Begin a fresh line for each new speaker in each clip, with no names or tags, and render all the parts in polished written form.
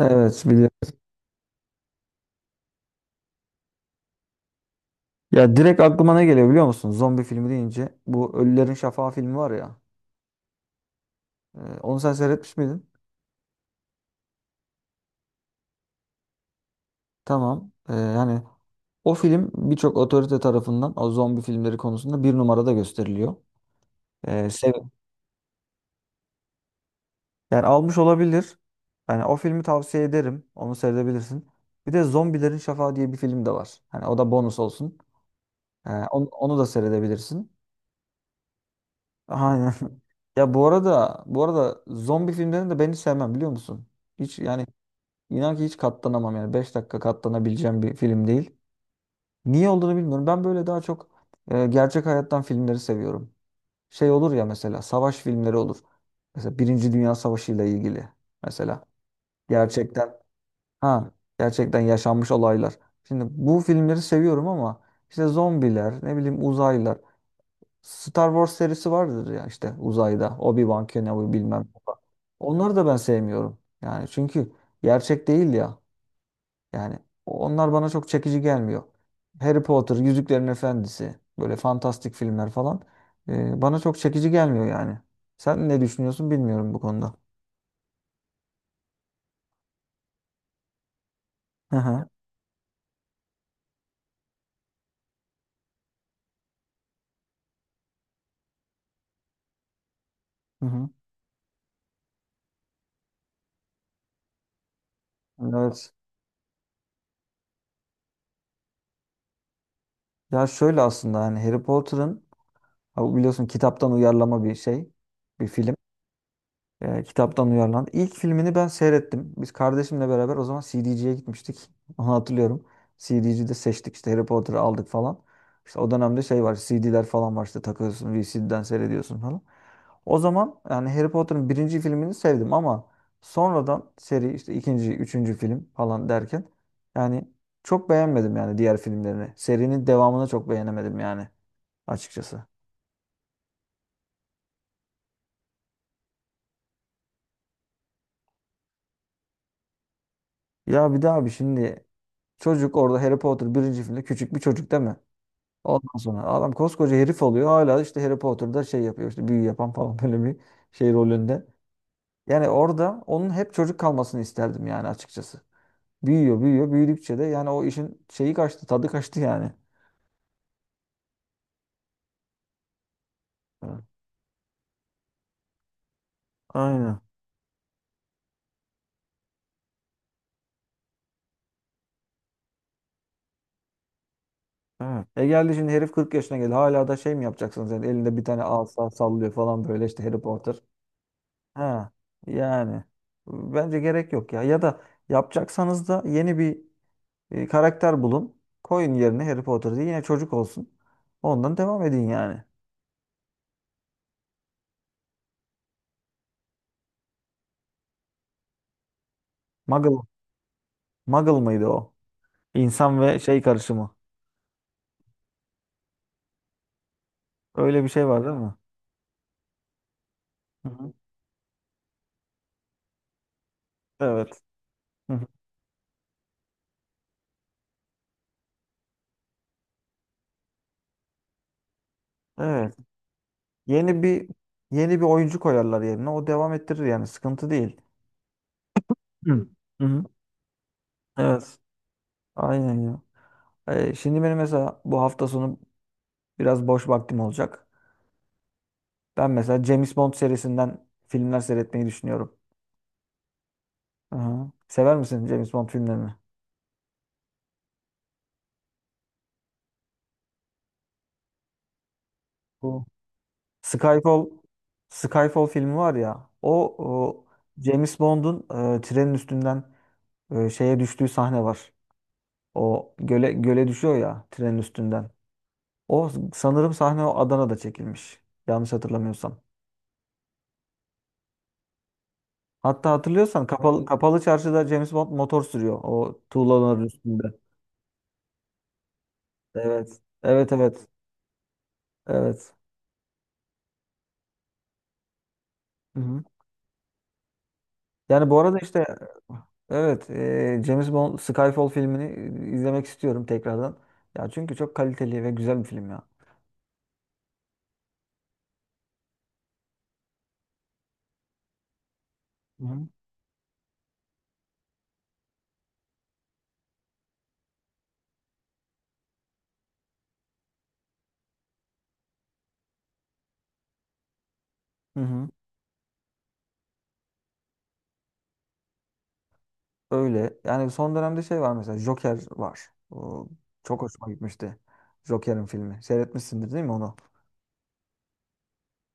Evet biliyorum. Ya direkt aklıma ne geliyor biliyor musun? Zombi filmi deyince. Bu Ölülerin Şafağı filmi var ya. Onu sen seyretmiş miydin? Tamam. Yani o film birçok otorite tarafından o zombi filmleri konusunda bir numarada gösteriliyor. Sev yani almış olabilir. Yani o filmi tavsiye ederim. Onu seyredebilirsin. Bir de Zombilerin Şafağı diye bir film de var. Hani o da bonus olsun. Onu da seyredebilirsin. Aynen. Ya bu arada zombi filmlerini de ben hiç sevmem biliyor musun? Hiç yani. İnan ki hiç katlanamam yani 5 dakika katlanabileceğim bir film değil. Niye olduğunu bilmiyorum. Ben böyle daha çok gerçek hayattan filmleri seviyorum. Şey olur ya mesela savaş filmleri olur. Mesela Birinci Dünya Savaşı ile ilgili mesela gerçekten ha gerçekten yaşanmış olaylar. Şimdi bu filmleri seviyorum ama işte zombiler, ne bileyim uzaylılar. Star Wars serisi vardır ya işte uzayda Obi-Wan Kenobi bilmem ne falan. Onları da ben sevmiyorum. Yani çünkü gerçek değil ya. Yani onlar bana çok çekici gelmiyor. Harry Potter, Yüzüklerin Efendisi, böyle fantastik filmler falan bana çok çekici gelmiyor yani. Sen ne düşünüyorsun bilmiyorum bu konuda. Hı hı. Hı hı. Evet. Ya şöyle aslında hani Harry Potter'ın ha biliyorsun kitaptan uyarlama bir şey, bir film. Kitaptan uyarlandı. İlk filmini ben seyrettim. Biz kardeşimle beraber o zaman C D C'ye gitmiştik. Onu hatırlıyorum. C D C'de seçtik işte Harry Potter'ı aldık falan. İşte o dönemde şey var C D'ler falan var işte takıyorsun V C D'den seyrediyorsun falan. O zaman yani Harry Potter'ın birinci filmini sevdim ama sonradan seri işte ikinci, üçüncü film falan derken yani çok beğenmedim yani diğer filmlerini. Serinin devamını çok beğenemedim yani açıkçası. Ya bir daha abi şimdi çocuk orada Harry Potter birinci filmde küçük bir çocuk değil mi? Ondan sonra adam koskoca herif oluyor. Hala işte Harry Potter'da şey yapıyor. İşte büyü yapan falan böyle bir şey rolünde. Yani orada onun hep çocuk kalmasını isterdim yani açıkçası. Büyüyor, büyüyor. Büyüdükçe de yani o işin şeyi kaçtı, tadı kaçtı yani. Evet. Aynen. Evet. Geldi şimdi herif 40 yaşına geldi. Hala da şey mi yapacaksınız yani elinde bir tane asa sallıyor falan böyle işte Harry Potter. Ha. Yani bence gerek yok ya. Ya da yapacaksanız da yeni bir karakter bulun. Koyun yerine Harry Potter diye yine çocuk olsun. Ondan devam edin yani. Muggle, Muggle mıydı o? İnsan ve şey karışımı. Öyle bir şey var değil mi? Hı hı. Evet. Hı hı. Evet. Yeni bir yeni bir oyuncu koyarlar yerine. O devam ettirir yani sıkıntı değil. Hı. Hı hı. Evet. Aynen ya. Şimdi benim mesela bu hafta sonu biraz boş vaktim olacak. Ben mesela James Bond serisinden filmler seyretmeyi düşünüyorum. Hı. Sever misin James Bond filmlerini? Bu. Skyfall Skyfall filmi var ya o, James Bond'un trenin üstünden şeye düştüğü sahne var. O göle düşüyor ya trenin üstünden. O sanırım sahne o Adana'da çekilmiş. Yanlış hatırlamıyorsam. Hatta hatırlıyorsan kapalı çarşıda James Bond motor sürüyor o tuğlaların üstünde. Evet. Evet evet. Evet. Hı hı. Yani bu arada işte evet, James Bond Skyfall filmini izlemek istiyorum tekrardan. Ya çünkü çok kaliteli ve güzel bir film ya. Hı hı. Hı hı. Öyle. Yani son dönemde şey var mesela Joker var. O çok hoşuma gitmişti. Joker'in filmi. Seyretmişsindir değil mi onu?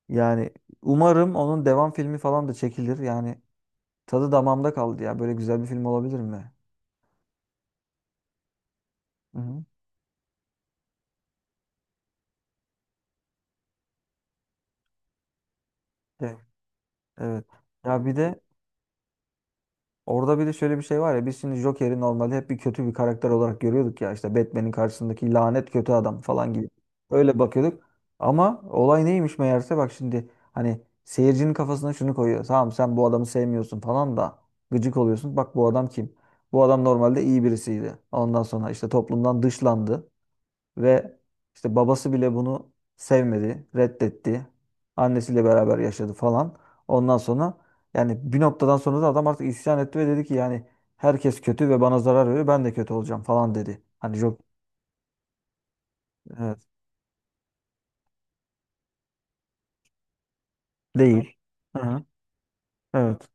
Yani umarım onun devam filmi falan da çekilir. Yani tadı damağımda kaldı ya. Böyle güzel bir film olabilir mi? Hı hı. Evet. Evet. Ya bir de Orada bir de şöyle bir şey var ya biz şimdi Joker'i normalde hep bir kötü bir karakter olarak görüyorduk ya işte Batman'in karşısındaki lanet kötü adam falan gibi. Öyle bakıyorduk. Ama olay neymiş meğerse bak şimdi hani seyircinin kafasına şunu koyuyor. Tamam sen bu adamı sevmiyorsun falan da gıcık oluyorsun. Bak bu adam kim? Bu adam normalde iyi birisiydi. Ondan sonra işte toplumdan dışlandı. Ve işte babası bile bunu sevmedi, reddetti. Annesiyle beraber yaşadı falan. Ondan sonra yani bir noktadan sonra da adam artık isyan etti ve dedi ki yani herkes kötü ve bana zarar veriyor. Ben de kötü olacağım falan dedi. Hani çok. Evet, değil. Hı hı. Evet.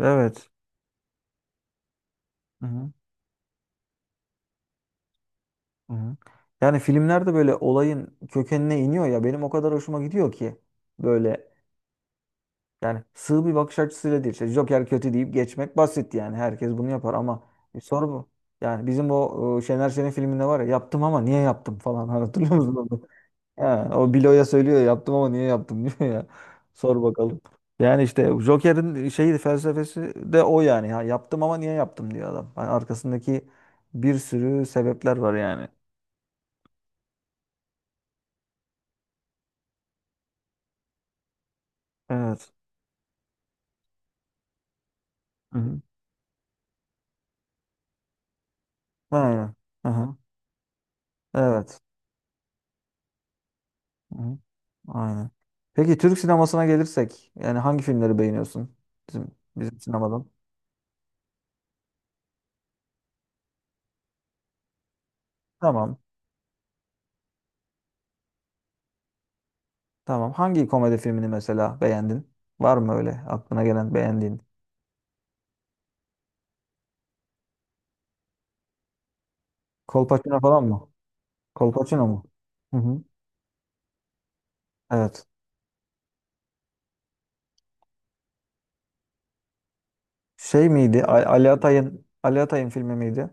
Evet. Hı hı. Hı hı. Yani filmlerde böyle olayın kökenine iniyor ya benim o kadar hoşuma gidiyor ki böyle. Yani sığ bir bakış açısıyla değil. İşte Joker kötü deyip geçmek basit yani. Herkes bunu yapar ama bir soru bu. Yani bizim o Şener Şen'in filminde var ya yaptım ama niye yaptım falan. Hani hatırlıyor musun onu? Ha, o Bilo'ya söylüyor ya, yaptım ama niye yaptım diyor ya. Sor bakalım. Yani işte Joker'in şeyi felsefesi de o yani. Ha, yaptım ama niye yaptım diyor adam. Hani arkasındaki bir sürü sebepler var yani. Evet. Hı hı. Aynen. Aha. Evet. Hı. Aynen. Peki Türk sinemasına gelirsek yani hangi filmleri beğeniyorsun bizim bizim sinemadan? Tamam. Tamam. Hangi komedi filmini mesela beğendin? Var mı öyle aklına gelen beğendiğin? Kolpaçino falan mı? Kolpaçino mu? Hı hı. Evet. Şey miydi? Ali Atay'ın filmi miydi?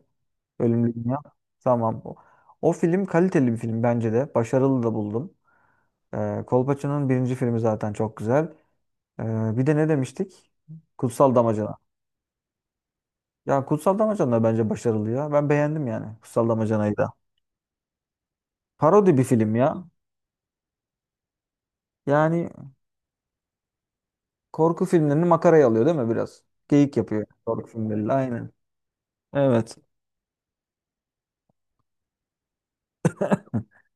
Ölümlü Dünya. Tamam. O film kaliteli bir film bence de. Başarılı da buldum. Kolpaçino'nun birinci filmi zaten çok güzel. Ee, bir de ne demiştik? Kutsal Damacana. Ya Kutsal Damacana da bence başarılı ya. Ben beğendim yani Kutsal Damacana'yı da. Parodi bir film ya. Yani korku filmlerini makaraya alıyor değil mi biraz? Geyik yapıyor korku filmleriyle aynen. Evet.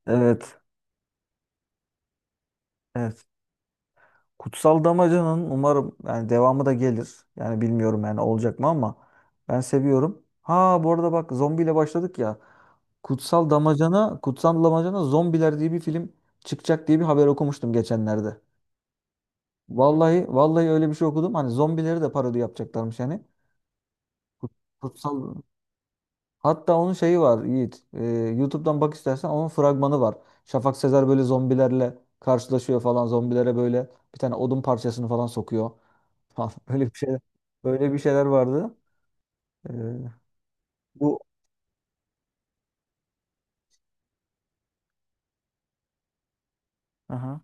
Evet. Evet. Kutsal Damacana'nın umarım yani devamı da gelir. Yani bilmiyorum yani olacak mı ama ben seviyorum. Ha, bu arada bak zombiyle başladık ya. Kutsal Damacana Zombiler diye bir film çıkacak diye bir haber okumuştum geçenlerde. Vallahi vallahi öyle bir şey okudum. Hani zombileri de parodi yapacaklarmış yani. Kutsal. Hatta onun şeyi var Yiğit. YouTube'dan bak istersen onun fragmanı var. Şafak Sezer böyle zombilerle karşılaşıyor falan. Zombilere böyle bir tane odun parçasını falan sokuyor. Falan. Öyle bir şeyler. Böyle bir şeyler vardı. Ee, bu aha.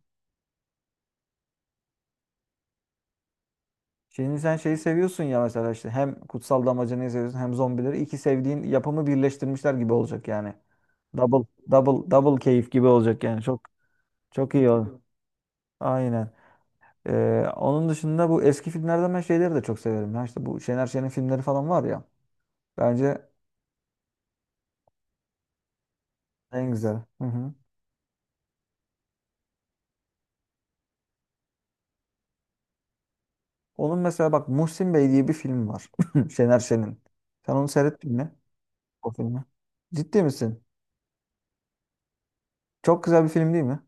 Şimdi sen şeyi seviyorsun ya mesela işte hem kutsal damacanayı seviyorsun hem zombileri. İki sevdiğin yapımı birleştirmişler gibi olacak yani. Double double double keyif gibi olacak yani. Çok çok iyi oldu. Aynen. Onun dışında bu eski filmlerden ben şeyleri de çok severim. Ya işte bu Şener Şen'in filmleri falan var ya. Bence en güzel. Hı hı. Onun mesela bak Muhsin Bey diye bir film var. Şener Şen'in. Sen onu seyrettin mi? O filmi. Ciddi misin? Çok güzel bir film değil mi?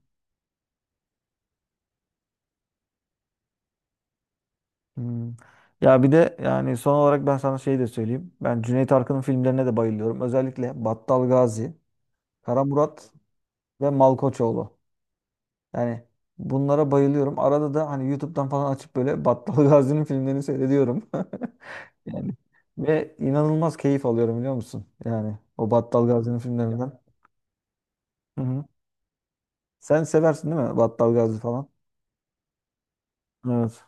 Hmm. Ya bir de yani son olarak ben sana şey de söyleyeyim. Ben Cüneyt Arkın'ın filmlerine de bayılıyorum. Özellikle Battal Gazi, Kara Murat ve Malkoçoğlu. Yani bunlara bayılıyorum. Arada da hani YouTube'dan falan açıp böyle Battal Gazi'nin filmlerini seyrediyorum. Yani ve inanılmaz keyif alıyorum biliyor musun? Yani o Battal Gazi'nin filmlerinden. Hı hı. Sen seversin değil mi Battal Gazi falan? Evet.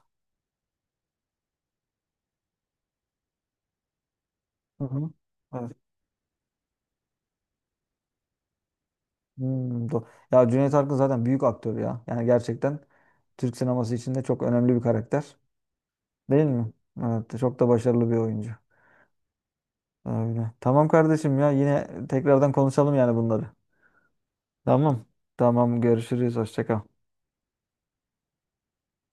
Hı hı. Evet. Hmm, do- ya Cüneyt Arkın zaten büyük aktör ya. Yani gerçekten Türk sineması içinde çok önemli bir karakter. Değil mi? Evet, çok da başarılı bir oyuncu. Öyle. Tamam kardeşim ya yine tekrardan konuşalım yani bunları. Tamam. Tamam görüşürüz. Hoşça kal.